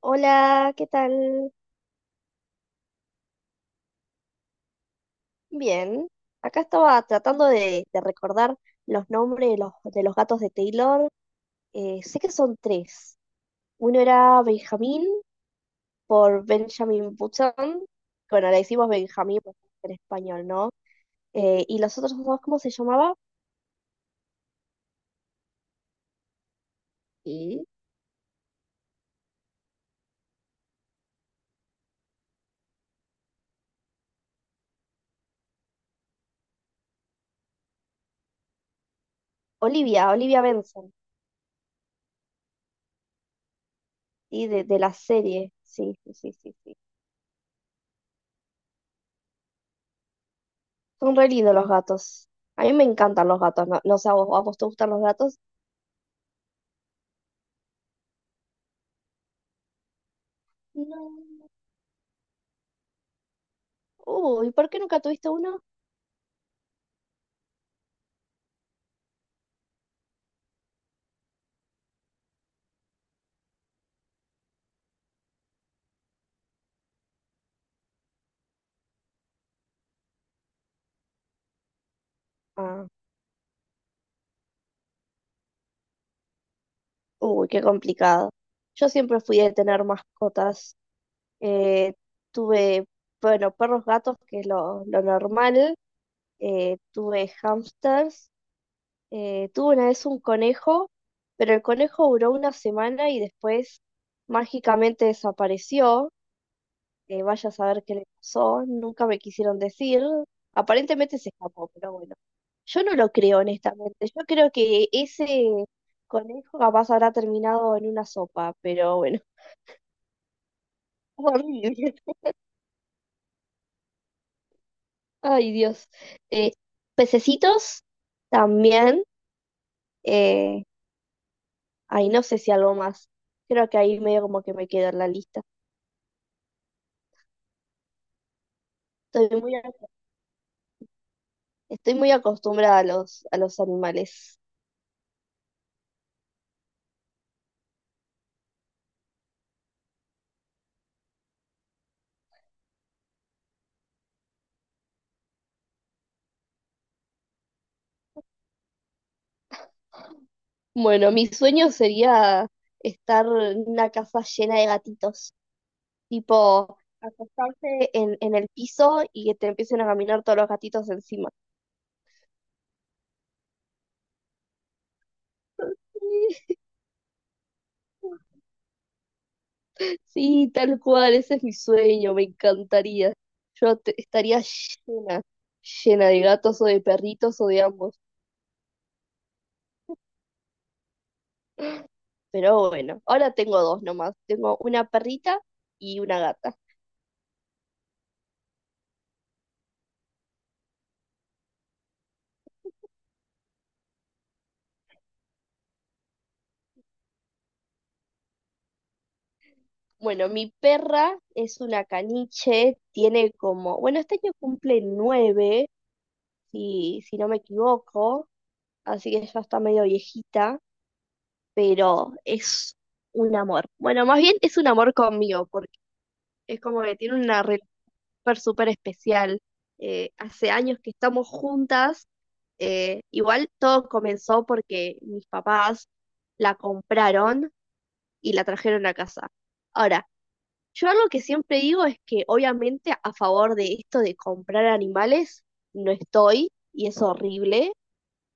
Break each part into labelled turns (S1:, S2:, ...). S1: Hola, ¿qué tal? Bien. Acá estaba tratando de recordar los nombres de los gatos de Taylor. Sé que son tres. Uno era Benjamín por Benjamin Button. Bueno, le decimos Benjamín porque es en español, ¿no? Y los otros dos, ¿cómo se llamaba? Y Olivia, Olivia Benson, ¿sí? De la serie. Sí, sí, sí, sí, sí. Son re lindos los gatos. A mí me encantan los gatos, ¿no? No sé, a vos te gustan los gatos? No. Uy, ¿por qué nunca tuviste uno? Ah, uy, qué complicado. Yo siempre fui de tener mascotas. Eh, tuve, bueno, perros, gatos, que es lo normal. Tuve hamsters. Tuve una vez un conejo, pero el conejo duró una semana y después mágicamente desapareció. Vaya a saber qué le pasó, nunca me quisieron decir, aparentemente se escapó, pero bueno, yo no lo creo honestamente, yo creo que ese conejo capaz habrá terminado en una sopa, pero bueno, horrible. Ay Dios. Eh, Pececitos también, eh, ay no sé si algo más, creo que ahí medio como que me quedo en la lista, estoy muy, a- estoy muy acostumbrada a los animales. Bueno, mi sueño sería estar en una casa llena de gatitos, tipo acostarse en el piso y que te empiecen a caminar todos los gatitos encima. Sí, tal cual, ese es mi sueño, me encantaría. Estaría llena, llena de gatos o de perritos o de ambos. Pero bueno, ahora tengo dos nomás. Tengo una perrita y una gata. Bueno, mi perra es una caniche, tiene como, bueno, este año cumple nueve si no me equivoco, así que ya está medio viejita, pero es un amor. Bueno, más bien es un amor conmigo, porque es como que tiene una relación súper súper especial. Hace años que estamos juntas, igual todo comenzó porque mis papás la compraron y la trajeron a casa. Ahora, yo algo que siempre digo es que obviamente a favor de esto de comprar animales no estoy y es horrible,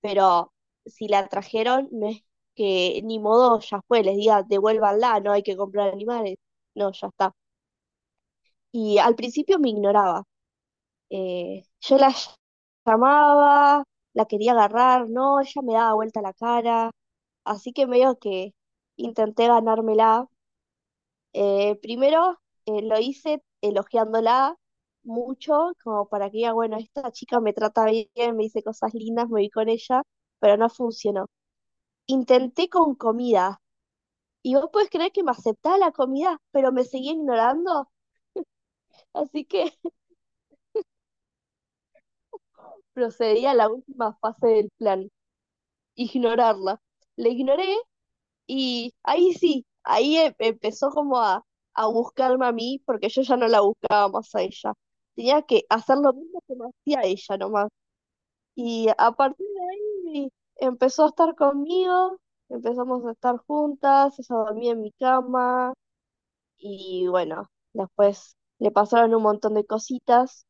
S1: pero si la trajeron, no es que ni modo, ya fue, les diga, devuélvanla, no hay que comprar animales. No, ya está. Y al principio me ignoraba. Eh, yo la ll- llamaba, la quería agarrar, no, ella me daba vuelta la cara, así que medio que intenté ganármela. Primero lo hice elogiándola mucho, como para que diga, bueno, esta chica me trata bien, me dice cosas lindas, me vi con ella, pero no funcionó. Intenté con comida y vos podés creer que me aceptaba la comida, pero me seguía ignorando, así que procedí a la última fase del plan, ignorarla. La ignoré y ahí sí, empezó como a buscarme a mí porque yo ya no la buscaba más a ella. Tenía que hacer lo mismo que me hacía ella nomás. Y a partir de ahí empezó a estar conmigo, empezamos a estar juntas, ella dormía en mi cama. Y bueno, después le pasaron un montón de cositas,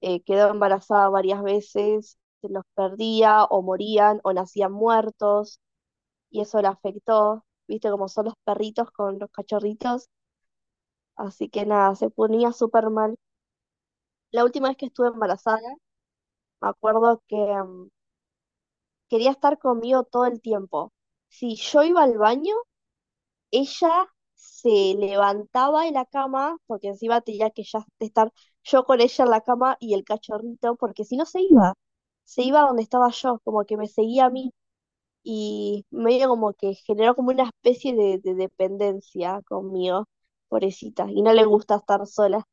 S1: quedó embarazada varias veces, se los perdía o morían o nacían muertos y eso la afectó, viste como son los perritos con los cachorritos, así que nada, se ponía súper mal. La última vez que estuve embarazada, me acuerdo que quería estar conmigo todo el tiempo. Si yo iba al baño, ella se levantaba de la cama, porque encima tenía que ya estar yo con ella en la cama y el cachorrito, porque si no se iba, se iba donde estaba yo, como que me seguía a mí y medio como que generó como una especie de dependencia conmigo, pobrecita, y no le gusta estar sola,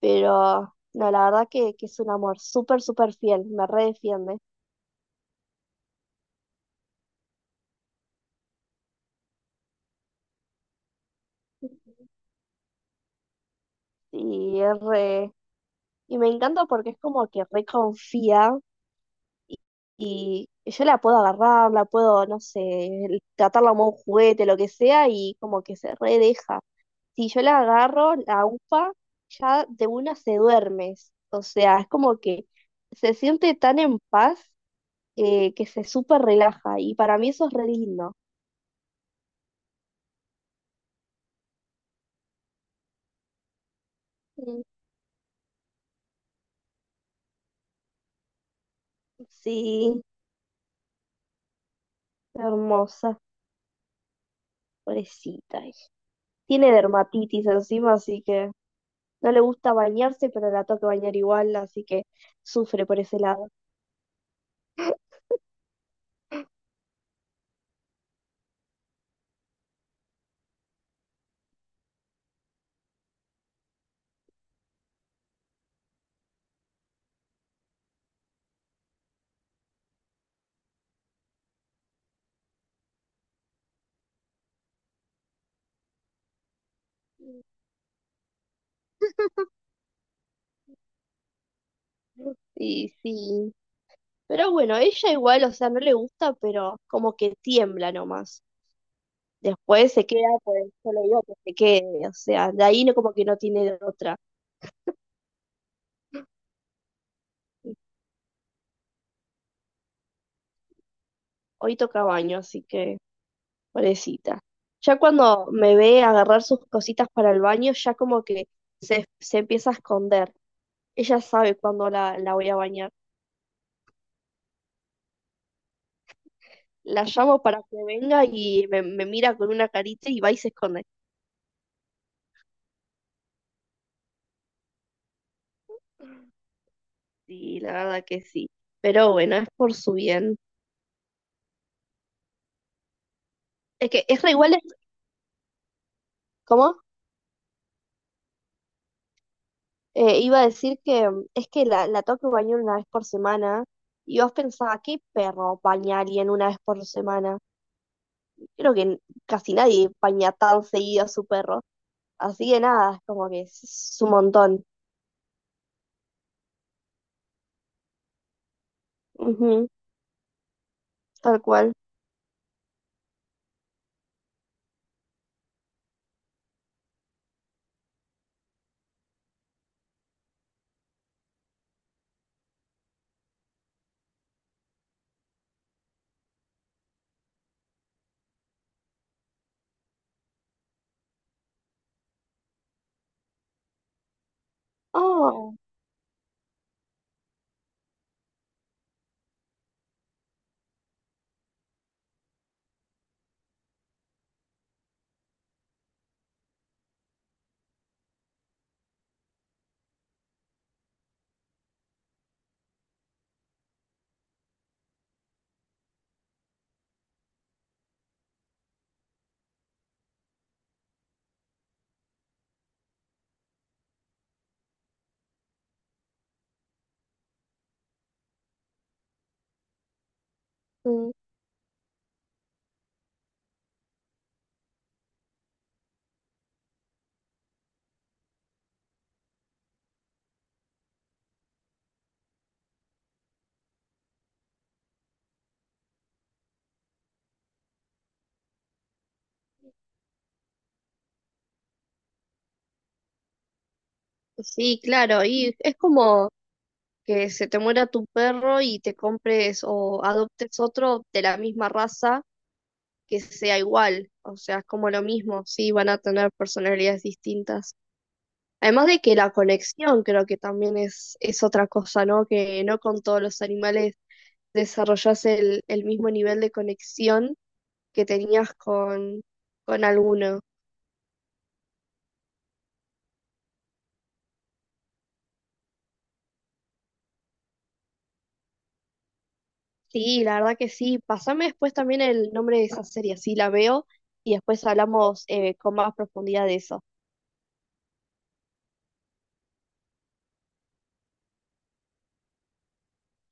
S1: pero no, la verdad que es un amor súper, súper fiel, me redefiende y es re... Y me encanta porque es como que reconfía. Y yo la puedo agarrar, la puedo, no sé, tratarla como un juguete, lo que sea, y como que se redeja. Si yo la agarro, la upa, ya de una se duerme. O sea, es como que se siente tan en paz, que se súper relaja. Y para mí eso es re lindo. Mm, sí, hermosa, pobrecita. Ella tiene dermatitis encima, así que no le gusta bañarse, pero la toca bañar igual, así que sufre por ese lado. Sí, sí. Pero bueno, ella igual, o sea, no le gusta, pero como que tiembla nomás. Después se queda, pues yo le digo que se quede, o sea, de ahí no, como que no tiene de otra. Hoy toca baño, así que pobrecita. Ya cuando me ve agarrar sus cositas para el baño, ya como que se empieza a esconder. Ella sabe cuándo la voy a bañar. La llamo para que venga y me mira con una carita y va y se esconde. Sí, la verdad que sí. Pero bueno, es por su bien. Es que es re igual, es, ¿cómo? Iba a decir que es que la tengo que bañar una vez por semana. Y vos pensabas, ¿qué perro baña a alguien una vez por semana? Creo que casi nadie baña tan seguido a su perro. Así que nada, es como que es un montón. Ujú, tal cual. Oh, mm, sí, claro. Y es como que se te muera tu perro y te compres o adoptes otro de la misma raza que sea igual, o sea, es como lo mismo, sí, van a tener personalidades distintas. Además de que la conexión creo que también es otra cosa, ¿no? Que no con todos los animales desarrollas el mismo nivel de conexión que tenías con alguno. Sí, la verdad que sí. Pásame después también el nombre de esa serie, así la veo y después hablamos con más profundidad de eso.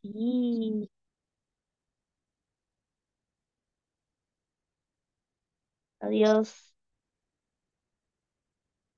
S1: Y adiós.